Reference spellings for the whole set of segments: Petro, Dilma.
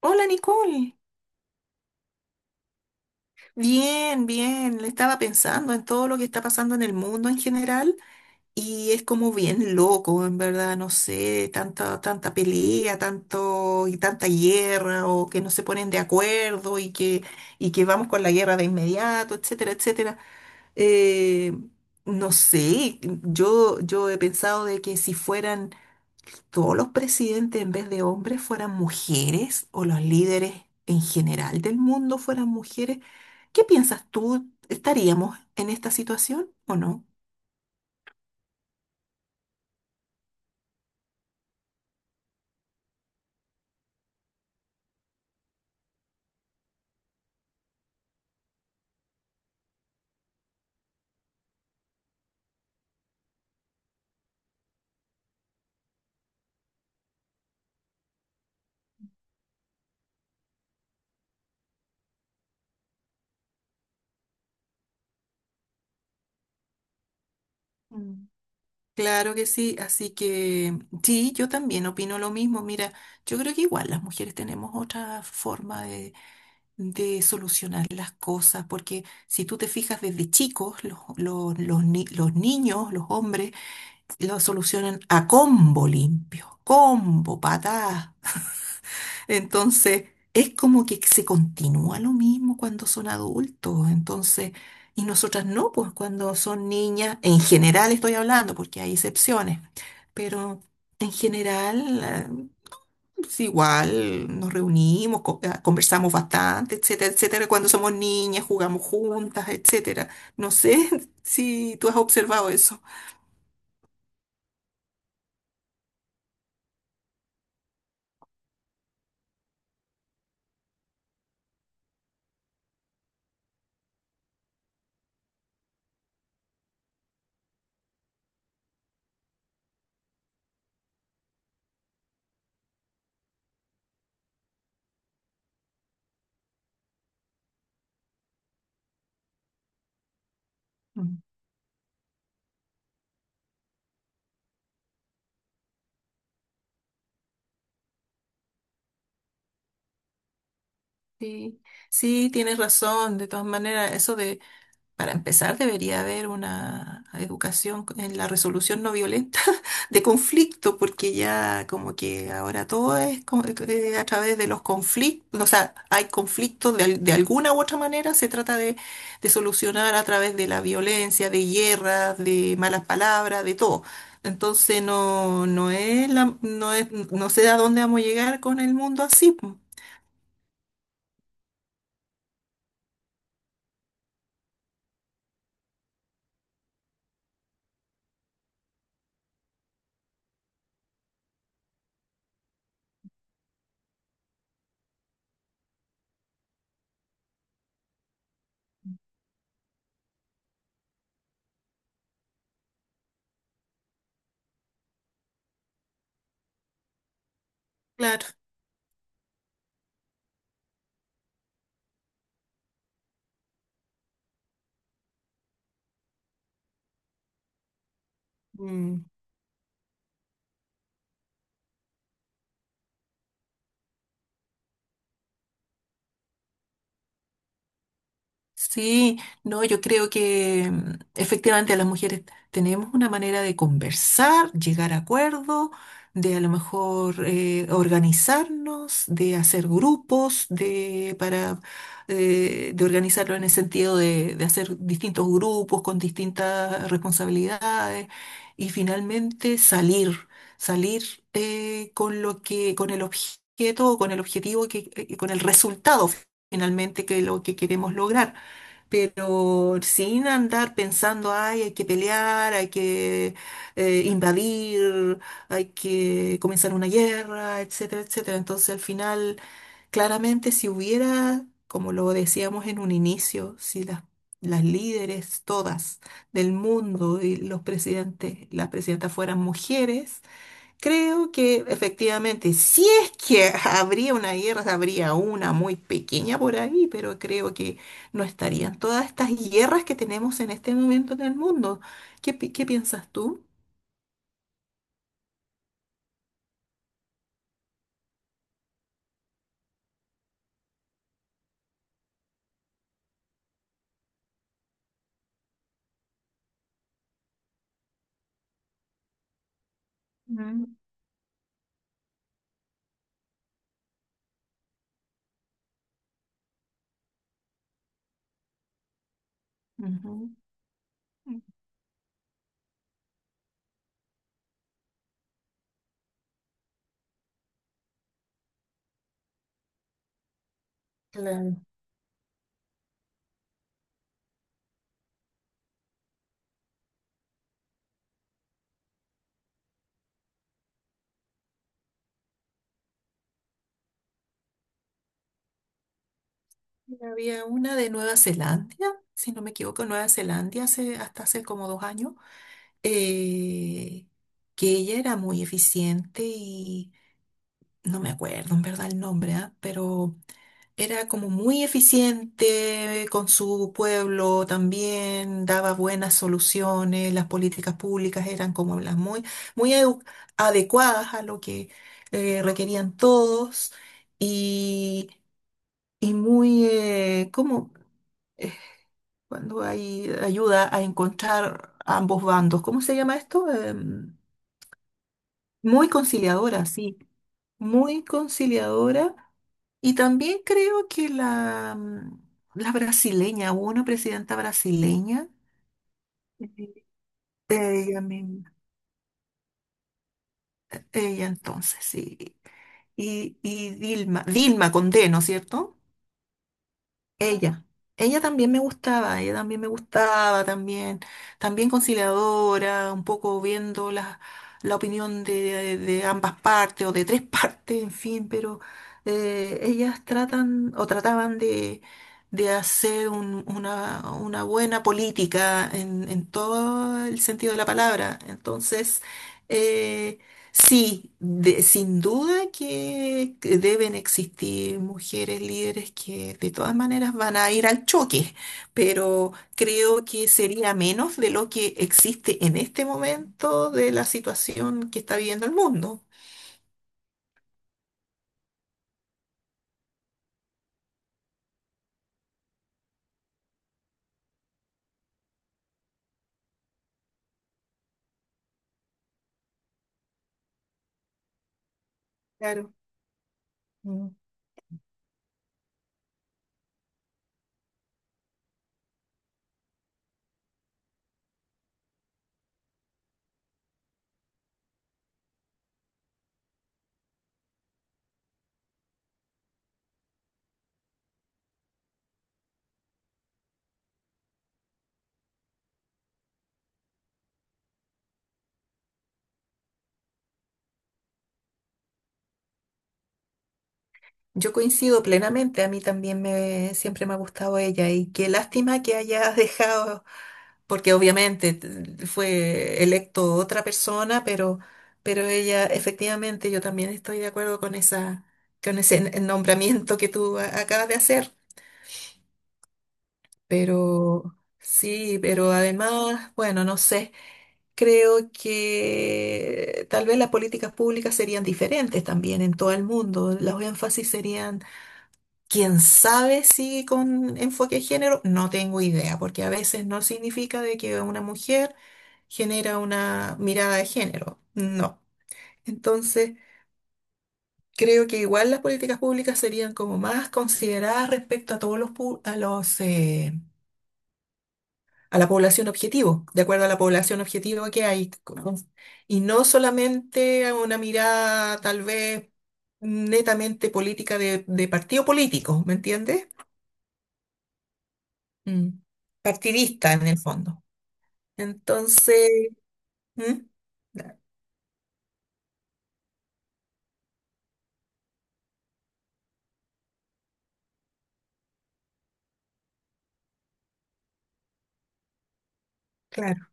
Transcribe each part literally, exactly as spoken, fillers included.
Hola Nicole, bien, bien, le estaba pensando en todo lo que está pasando en el mundo en general y es como bien loco, en verdad, no sé, tanta, tanta pelea, tanto y tanta guerra o que no se ponen de acuerdo y que, y que vamos con la guerra de inmediato, etcétera, etcétera. Eh, no sé, yo, yo he pensado de que si fueran todos los presidentes en vez de hombres fueran mujeres o los líderes en general del mundo fueran mujeres, ¿qué piensas tú? ¿Estaríamos en esta situación o no? Mm. Claro que sí, así que sí, yo también opino lo mismo. Mira, yo creo que igual las mujeres tenemos otra forma de, de solucionar las cosas, porque si tú te fijas desde chicos, los, los, los ni- los niños, los hombres, lo solucionan a combo limpio, combo, patada. Entonces, es como que se continúa lo mismo cuando son adultos. Entonces, y nosotras no, pues cuando son niñas, en general estoy hablando, porque hay excepciones, pero en general, eh, es igual nos reunimos, co- eh, conversamos bastante, etcétera, etcétera. Cuando somos niñas, jugamos juntas, etcétera. No sé si tú has observado eso. Sí, sí, tienes razón. De todas maneras, eso de, para empezar, debería haber una educación en la resolución no violenta de conflicto, porque ya como que ahora todo es co- eh, eh, a través de los conflictos, o sea, hay conflictos de, al- de alguna u otra manera, se trata de, de solucionar a través de la violencia, de guerras, de malas palabras, de todo. Entonces no, no es la, no es, no sé a dónde vamos a llegar con el mundo así. Po. Claro. Mm. Sí, no, yo creo que mm, efectivamente las mujeres tenemos una manera de conversar, llegar a acuerdos, de a lo mejor eh, organizarnos, de hacer grupos, de para eh, de organizarlo en el sentido de, de hacer distintos grupos con distintas responsabilidades y finalmente salir, salir eh, con lo que, con el objeto, con el objetivo que, eh, con el resultado finalmente que lo que queremos lograr pero sin andar pensando, ay, hay que pelear, hay que eh, invadir, hay que comenzar una guerra, etcétera, etcétera. Entonces, al final, claramente, si hubiera, como lo decíamos en un inicio, si las, las líderes todas del mundo y los presidentes, las presidentas fueran mujeres, creo que efectivamente, si es que habría una guerra, habría una muy pequeña por ahí, pero creo que no estarían todas estas guerras que tenemos en este momento en el mundo. ¿Qué, pi- qué piensas tú? Mm. Ujú. Mm. Claro. Había una de Nueva Zelanda, si no me equivoco, Nueva Zelanda hace, hasta hace como dos años, eh, que ella era muy eficiente y no me acuerdo en verdad el nombre, ¿ah? Pero era como muy eficiente con su pueblo también, daba buenas soluciones, las políticas públicas eran como las muy, muy edu- adecuadas a lo que eh, requerían todos y, y muy, eh, como eh, cuando hay ayuda a encontrar ambos bandos, ¿cómo se llama esto? Em, muy conciliadora, sí. Muy conciliadora. Y también creo que la, mm, la brasileña, hubo una presidenta brasileña, sí. Ella misma, ella entonces, sí. Y, y Dilma, Dilma con D, ¿no es cierto? Ella, ella también me gustaba, ella también me gustaba, también, también conciliadora, un poco viendo la, la opinión de, de ambas partes o de tres partes, en fin, pero eh, ellas tratan o trataban de, de hacer un- una, una buena política en, en todo el sentido de la palabra. Entonces, eh, sí, de- sin duda que que deben existir mujeres líderes que de todas maneras van a ir al choque, pero creo que sería menos de lo que existe en este momento de la situación que está viviendo el mundo. Claro. Mm. Yo coincido plenamente, a mí también me, siempre me ha gustado ella y qué lástima que hayas dejado porque obviamente t- fue electo otra persona, pero, pero ella, efectivamente, yo también estoy de acuerdo con esa, con ese n- nombramiento que tú a- acabas de hacer. Pero sí, pero además, bueno, no sé, creo que tal vez las políticas públicas serían diferentes también en todo el mundo. Los énfasis serían, quién sabe si con enfoque de género, no tengo idea, porque a veces no significa de que una mujer genera una mirada de género. No. Entonces, creo que igual las políticas públicas serían como más consideradas respecto a todos los pu- a los eh, a la población objetivo, de acuerdo a la población objetivo que hay, ¿no? Y no solamente a una mirada tal vez netamente política de, de partido político, ¿me entiendes? Mm. Partidista en el fondo. Entonces, ¿mm? Claro.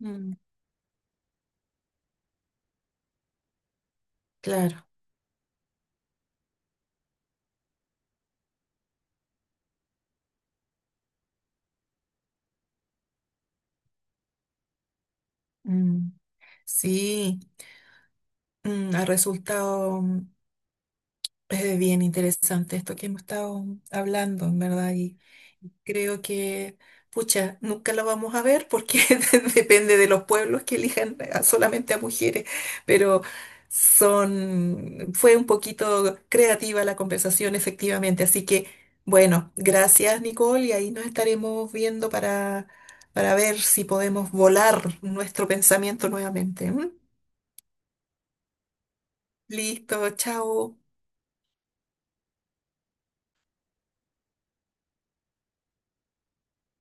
Mm, claro. Mm. Sí, mm, ha resultado mm, eh, bien interesante esto que hemos estado hablando, en verdad, y creo que, pucha, nunca lo vamos a ver porque depende de los pueblos que elijan a- solamente a mujeres, pero son, fue un poquito creativa la conversación, efectivamente, así que, bueno, gracias, Nicole, y ahí nos estaremos viendo para, para ver si podemos volar nuestro pensamiento nuevamente. ¿M? Listo, chao.